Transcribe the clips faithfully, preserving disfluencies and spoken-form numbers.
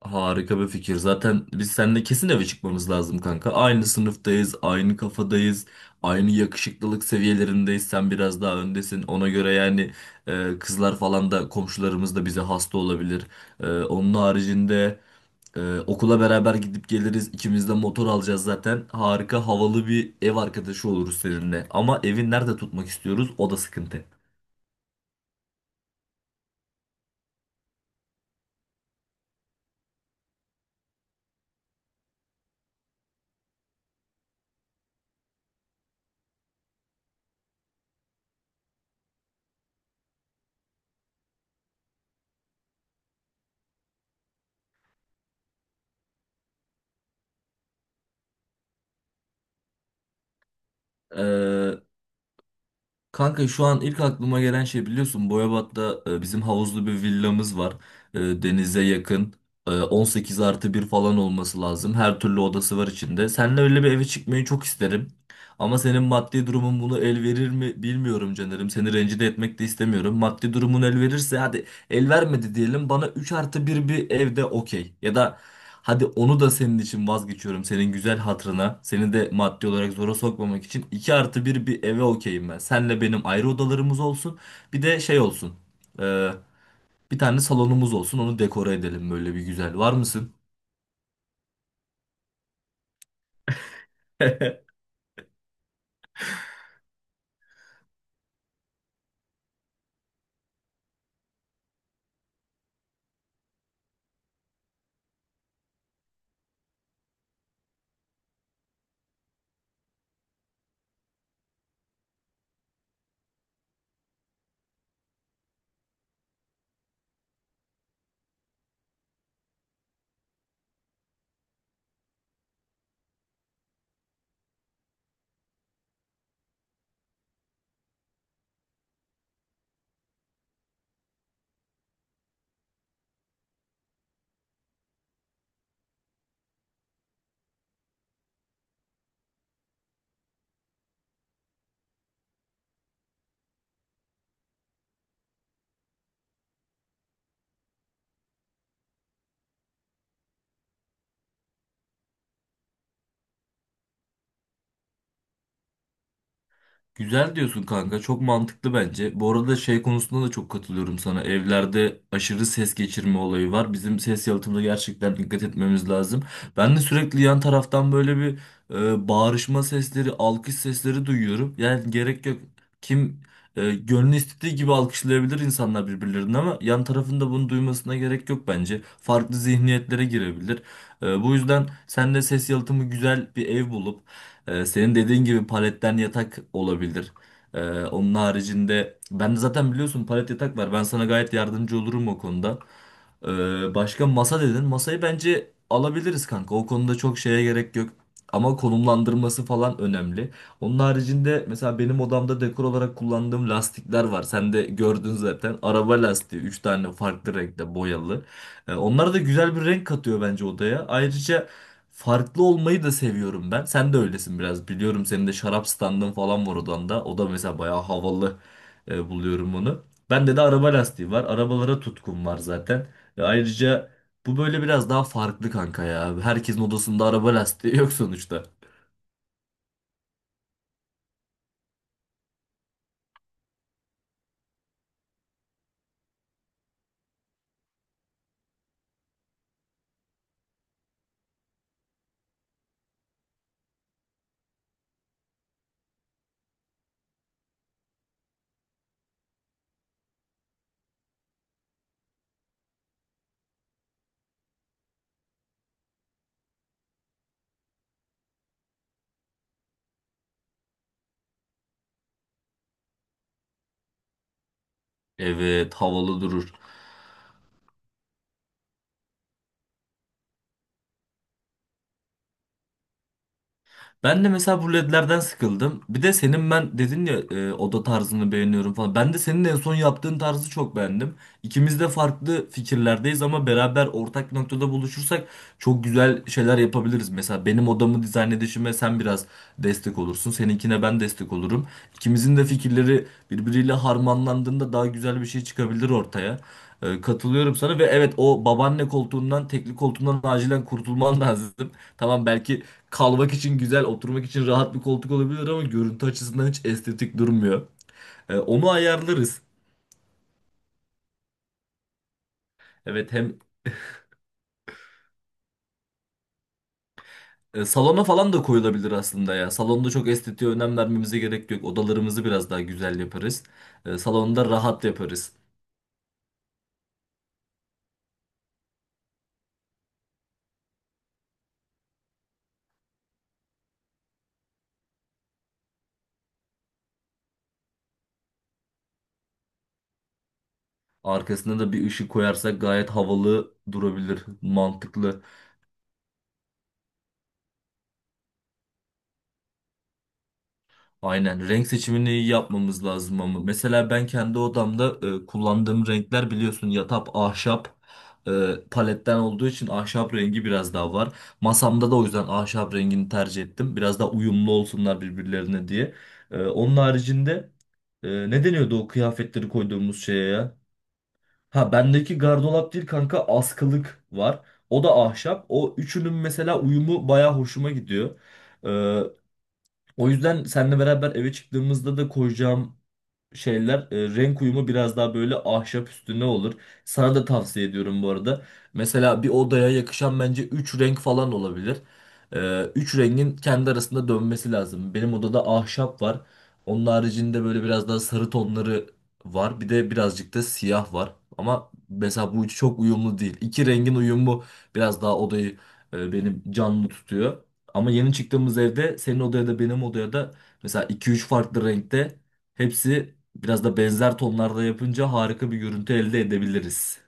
Harika bir fikir. Zaten biz seninle kesin eve çıkmamız lazım kanka. Aynı sınıftayız, aynı kafadayız, aynı yakışıklılık seviyelerindeyiz. Sen biraz daha öndesin. Ona göre yani e, kızlar falan da komşularımız da bize hasta olabilir. E, onun haricinde e, okula beraber gidip geliriz. İkimiz de motor alacağız zaten. Harika havalı bir ev arkadaşı oluruz seninle. Ama evi nerede tutmak istiyoruz? O da sıkıntı. E, Kanka şu an ilk aklıma gelen şey biliyorsun Boyabat'ta e, bizim havuzlu bir villamız var. E, Denize yakın. E, on sekiz artı bir falan olması lazım. Her türlü odası var içinde. Seninle öyle bir eve çıkmayı çok isterim. Ama senin maddi durumun bunu el verir mi bilmiyorum canlarım. Seni rencide etmek de istemiyorum. Maddi durumun el verirse hadi. El vermedi diyelim, bana üç artı bir bir evde okey. Ya da hadi onu da senin için vazgeçiyorum senin güzel hatırına. Seni de maddi olarak zora sokmamak için iki artı bir bir eve okeyim ben. Senle benim ayrı odalarımız olsun. Bir de şey olsun. e, Bir tane salonumuz olsun, onu dekore edelim böyle bir güzel. Var mısın? Güzel diyorsun kanka. Çok mantıklı bence. Bu arada şey konusunda da çok katılıyorum sana. Evlerde aşırı ses geçirme olayı var. Bizim ses yalıtımına gerçekten dikkat etmemiz lazım. Ben de sürekli yan taraftan böyle bir e, bağırışma sesleri, alkış sesleri duyuyorum. Yani gerek yok. Kim e, gönlü istediği gibi alkışlayabilir insanlar birbirlerini, ama yan tarafında bunu duymasına gerek yok bence. Farklı zihniyetlere girebilir. E, bu yüzden sen de ses yalıtımı güzel bir ev bulup ee, senin dediğin gibi paletten yatak olabilir. Ee, onun haricinde ben de zaten biliyorsun palet yatak var. Ben sana gayet yardımcı olurum o konuda. Ee, başka masa dedin. Masayı bence alabiliriz kanka. O konuda çok şeye gerek yok. Ama konumlandırması falan önemli. Onun haricinde mesela benim odamda dekor olarak kullandığım lastikler var. Sen de gördün zaten. Araba lastiği üç tane farklı renkte boyalı. Ee, onlar da güzel bir renk katıyor bence odaya. Ayrıca farklı olmayı da seviyorum ben. Sen de öylesin biraz. Biliyorum senin de şarap standın falan var odanda. O da mesela bayağı havalı e, buluyorum onu. Bende de araba lastiği var. Arabalara tutkum var zaten. Ve ayrıca bu böyle biraz daha farklı kanka ya. Herkesin odasında araba lastiği yok sonuçta. Evet, havalı durur. Ben de mesela bu ledlerden sıkıldım. Bir de senin ben dedin ya, e, oda tarzını beğeniyorum falan. Ben de senin en son yaptığın tarzı çok beğendim. İkimiz de farklı fikirlerdeyiz ama beraber ortak bir noktada buluşursak çok güzel şeyler yapabiliriz. Mesela benim odamı dizayn edişime sen biraz destek olursun. Seninkine ben destek olurum. İkimizin de fikirleri birbiriyle harmanlandığında daha güzel bir şey çıkabilir ortaya. E, Katılıyorum sana ve evet, o babaanne koltuğundan, tekli koltuğundan acilen kurtulman lazım. Tamam, belki kalmak için güzel, oturmak için rahat bir koltuk olabilir, ama görüntü açısından hiç estetik durmuyor. E, onu ayarlarız. Evet hem e, salona falan da koyulabilir aslında ya. Salonda çok estetiğe önem vermemize gerek yok. Odalarımızı biraz daha güzel yaparız. E, salonda rahat yaparız. Arkasına da bir ışık koyarsak gayet havalı durabilir, mantıklı. Aynen, renk seçimini iyi yapmamız lazım ama mesela ben kendi odamda e, kullandığım renkler biliyorsun, yatap ahşap e, paletten olduğu için ahşap rengi biraz daha var. Masamda da o yüzden ahşap rengini tercih ettim. Biraz daha uyumlu olsunlar birbirlerine diye. E, onun haricinde e, ne deniyordu o kıyafetleri koyduğumuz şeye ya? Ha, bendeki gardırop değil kanka, askılık var. O da ahşap. O üçünün mesela uyumu baya hoşuma gidiyor. E, o yüzden seninle beraber eve çıktığımızda da koyacağım şeyler, e, renk uyumu biraz daha böyle ahşap üstüne olur. Sana da tavsiye ediyorum bu arada. Mesela bir odaya yakışan bence üç renk falan olabilir. E, Üç rengin kendi arasında dönmesi lazım. Benim odada ahşap var. Onun haricinde böyle biraz daha sarı tonları var. Bir de birazcık da siyah var. Ama mesela bu üçü çok uyumlu değil. İki rengin uyumu biraz daha odayı e, benim canlı tutuyor. Ama yeni çıktığımız evde senin odaya da benim odaya da mesela iki üç farklı renkte, hepsi biraz da benzer tonlarda yapınca harika bir görüntü elde edebiliriz.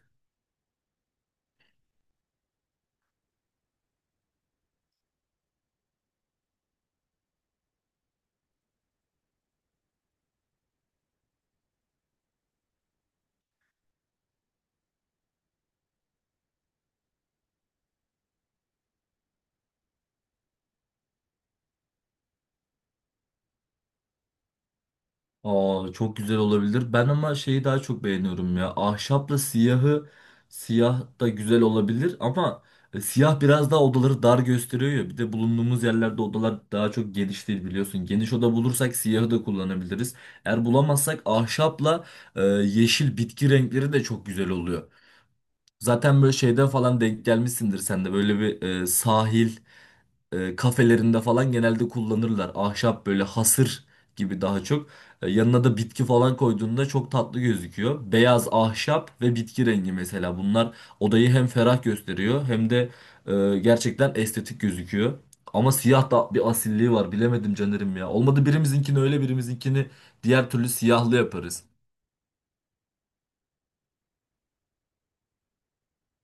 Aa, çok güzel olabilir. Ben ama şeyi daha çok beğeniyorum ya. Ahşapla siyahı, siyah da güzel olabilir ama e, siyah biraz daha odaları dar gösteriyor ya. Bir de bulunduğumuz yerlerde odalar daha çok geniş değil biliyorsun. Geniş oda bulursak siyahı da kullanabiliriz. Eğer bulamazsak ahşapla e, yeşil bitki renkleri de çok güzel oluyor. Zaten böyle şeyden falan denk gelmişsindir sen de, böyle bir e, sahil e, kafelerinde falan genelde kullanırlar. Ahşap böyle hasır gibi daha çok. E, yanına da bitki falan koyduğunda çok tatlı gözüküyor. Beyaz ahşap ve bitki rengi, mesela bunlar odayı hem ferah gösteriyor hem de e, gerçekten estetik gözüküyor. Ama siyah da bir asilliği var, bilemedim Caner'im ya. Olmadı birimizinkini öyle birimizinkini diğer türlü siyahlı yaparız.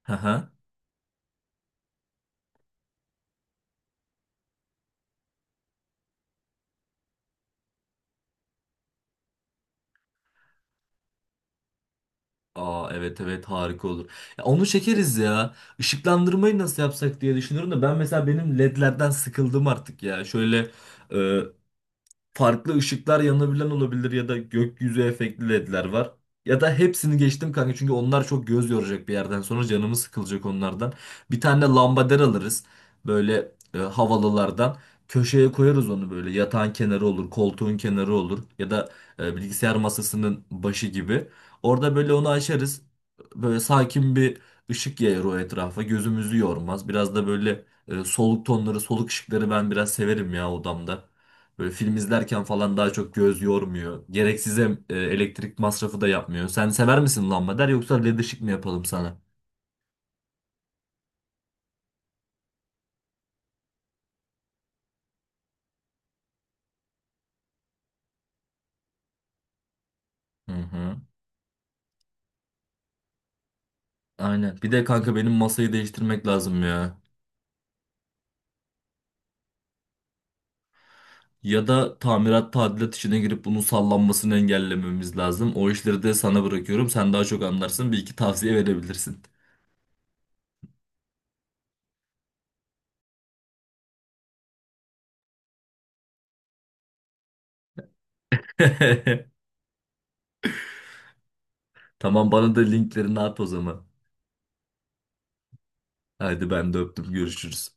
Aa evet evet, harika olur. Ya onu çekeriz ya. Işıklandırmayı nasıl yapsak diye düşünüyorum da, ben mesela benim ledlerden sıkıldım artık ya. Şöyle farklı ışıklar yanabilen olabilir ya da gökyüzü efektli ledler var. Ya da hepsini geçtim kanka, çünkü onlar çok göz yoracak bir yerden sonra canımız sıkılacak onlardan. Bir tane lambader alırız böyle e, havalılardan. Köşeye koyarız onu, böyle yatağın kenarı olur, koltuğun kenarı olur, ya da e, bilgisayar masasının başı gibi. Orada böyle onu açarız. Böyle sakin bir ışık yayar o etrafa. Gözümüzü yormaz. Biraz da böyle e, soluk tonları, soluk ışıkları ben biraz severim ya odamda. Böyle film izlerken falan daha çok göz yormuyor. Gereksiz em- e, elektrik masrafı da yapmıyor. Sen sever misin lambader, yoksa led ışık mı yapalım sana? Hı hı. Aynen. Bir de kanka benim masayı değiştirmek lazım ya. Ya da tamirat tadilat işine girip bunun sallanmasını engellememiz lazım. O işleri de sana bırakıyorum. Sen daha çok anlarsın. Bir iki tavsiye verebilirsin. Tamam, bana da linklerini at o zaman. Hadi ben de öptüm. Görüşürüz.